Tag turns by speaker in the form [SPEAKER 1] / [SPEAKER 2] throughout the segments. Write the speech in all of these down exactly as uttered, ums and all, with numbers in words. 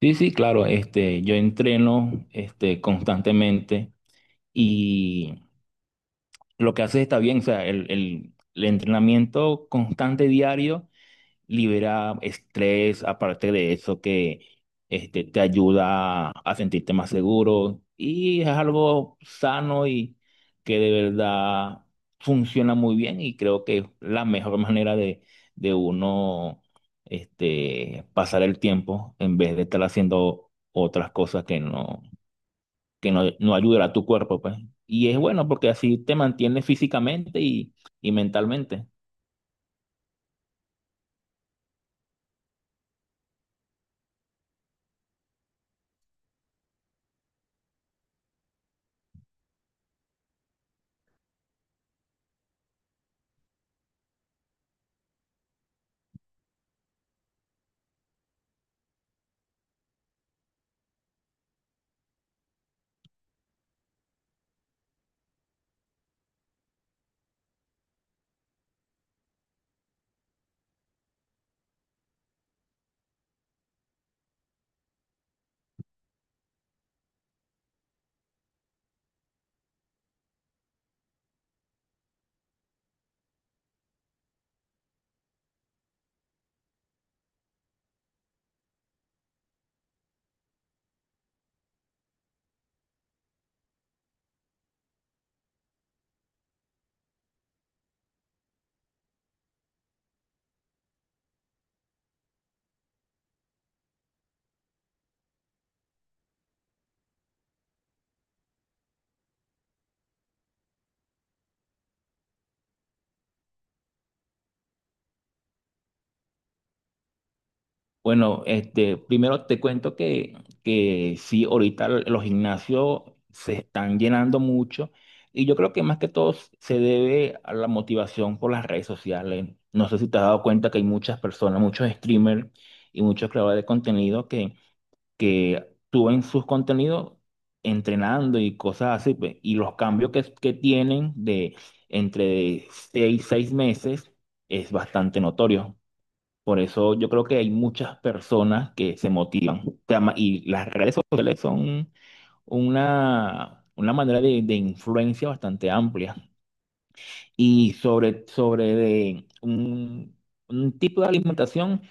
[SPEAKER 1] Sí, sí, claro, este, yo entreno este, constantemente y lo que haces está bien, o sea, el, el- el entrenamiento constante diario libera estrés, aparte de eso que este, te ayuda a sentirte más seguro y es algo sano y que de verdad funciona muy bien y creo que es la mejor manera de, de uno este, pasar el tiempo en vez de estar haciendo otras cosas que no, que no, no ayudan a tu cuerpo, pues. Y es bueno porque así te mantienes físicamente y, y mentalmente. Bueno, este, primero te cuento que, que sí, ahorita l- los gimnasios se están llenando mucho y yo creo que más que todo s- se debe a la motivación por las redes sociales. No sé si te has dado cuenta que hay muchas personas, muchos streamers y muchos creadores de contenido que, que suben sus contenidos entrenando y cosas así, pues, y los cambios que, que tienen de entre seis, seis meses es bastante notorio. Por eso yo creo que hay muchas personas que se motivan. O sea, ma- y las redes sociales son una, una manera de, de influencia bastante amplia. Y sobre, sobre de un, un tipo de alimentación.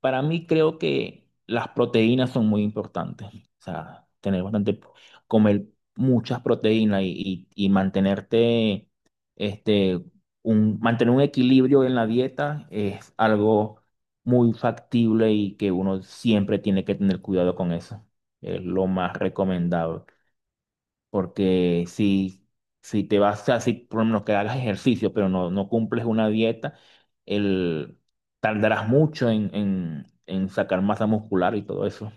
[SPEAKER 1] Para mí creo que las proteínas son muy importantes. O sea, tener bastante, comer muchas proteínas y, y- y mantenerte, este, un, mantener un equilibrio en la dieta es algo muy factible y que uno siempre tiene que tener cuidado con eso. Es lo más recomendable. Porque si, si te vas así, por lo menos que hagas ejercicio, pero no, no cumples una dieta, el, tardarás mucho en, en, en sacar masa muscular y todo eso.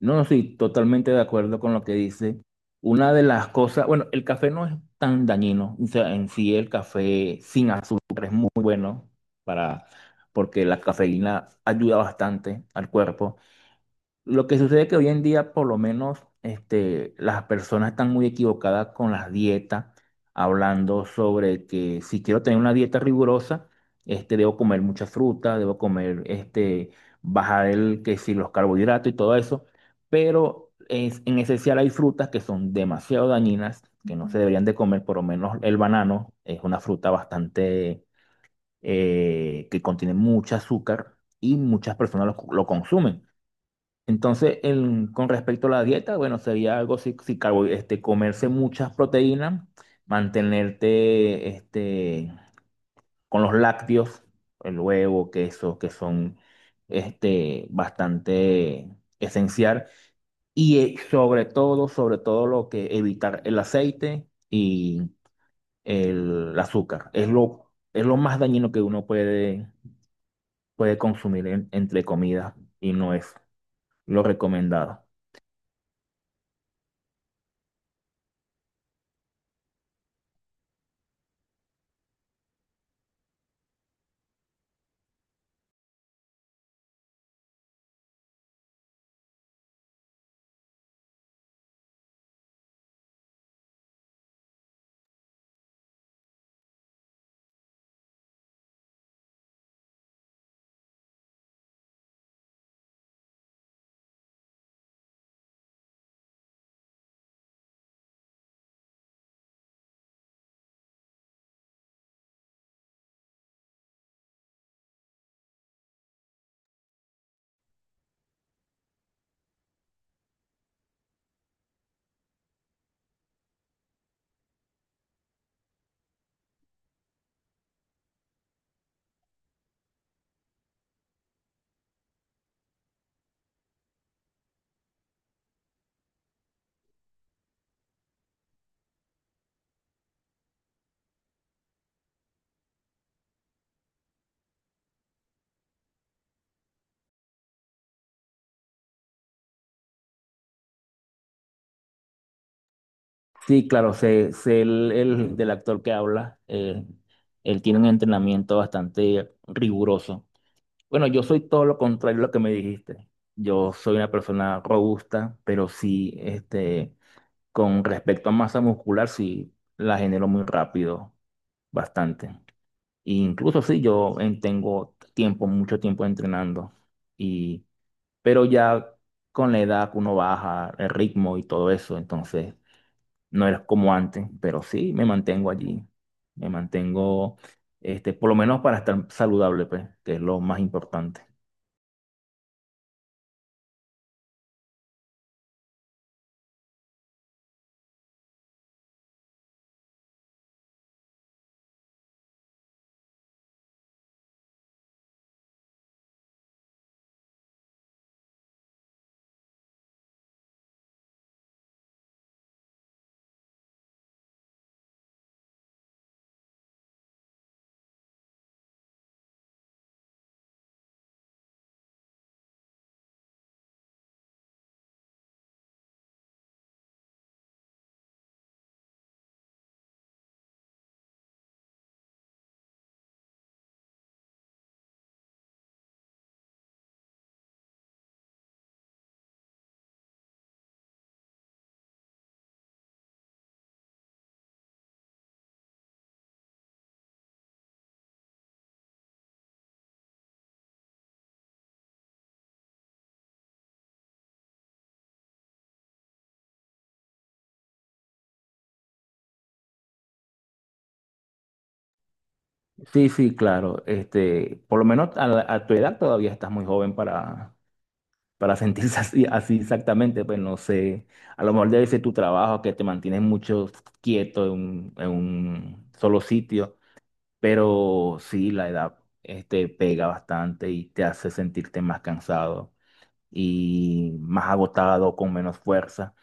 [SPEAKER 1] No, sí, totalmente de acuerdo con lo que dice. Una de las cosas, bueno, el café no es tan dañino, o sea, en sí el café sin azúcar es muy bueno para, porque la cafeína ayuda bastante al cuerpo. Lo que sucede es que hoy en día, por lo menos, este, las personas están muy equivocadas con las dietas, hablando sobre que si quiero tener una dieta rigurosa, este, debo comer mucha fruta, debo comer, este, bajar el, que si los carbohidratos y todo eso, pero es- en esencial hay frutas que son demasiado dañinas, que no se ujú deberían de comer, por lo menos el banano es una fruta bastante, eh, que contiene mucho azúcar y muchas personas lo lo consumen. Entonces, en- con respecto a la dieta, bueno, sería algo si, si carbo- este, comerse muchas proteínas, mantenerte este, con los lácteos, el huevo, queso, que son este, bastante esencial. Y eh, sobre todo, sobre todo lo que evitar el aceite y el azúcar. Es lo, es lo más dañino que uno puede, puede consumir en- entre comidas y no es lo recomendado. Sí, claro, sé, sé el, el del actor que habla. eh, él tiene un entrenamiento bastante riguroso. Bueno, yo soy todo lo contrario a lo que me dijiste. Yo soy una persona robusta, pero sí, este, con respecto a masa muscular, sí la genero muy rápido, bastante. E incluso sí, yo en- tengo tiempo, mucho tiempo entrenando. Y, pero ya con la edad uno baja el ritmo y todo eso, entonces. No eres como antes, pero sí me mantengo allí. Me mantengo, este, por lo menos para estar saludable, pues, que es lo más importante. Sí, sí, claro. Este, por lo menos a, la- a tu edad todavía estás muy joven para, para sentirse así, así exactamente. Pues no sé, a lo mejor debe ser tu trabajo que te mantienes mucho quieto en un, en un solo sitio, pero sí, la edad, este, pega bastante y te hace sentirte más cansado y más agotado, con menos fuerza.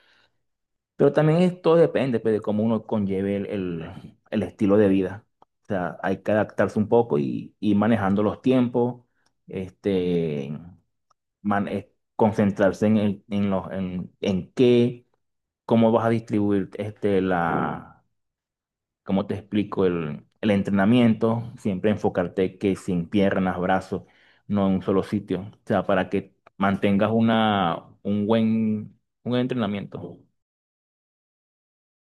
[SPEAKER 1] Pero también esto depende pues, de cómo uno conlleve el, el- el estilo de vida. O sea, hay que adaptarse un poco y ir manejando los tiempos, este, man- eh, concentrarse en, el- en, los, en, en qué, cómo vas a distribuir este, la, cómo te explico, el, el entrenamiento, siempre enfocarte que sin piernas, brazos, no en un solo sitio, o sea, para que mantengas una, un buen, un buen entrenamiento.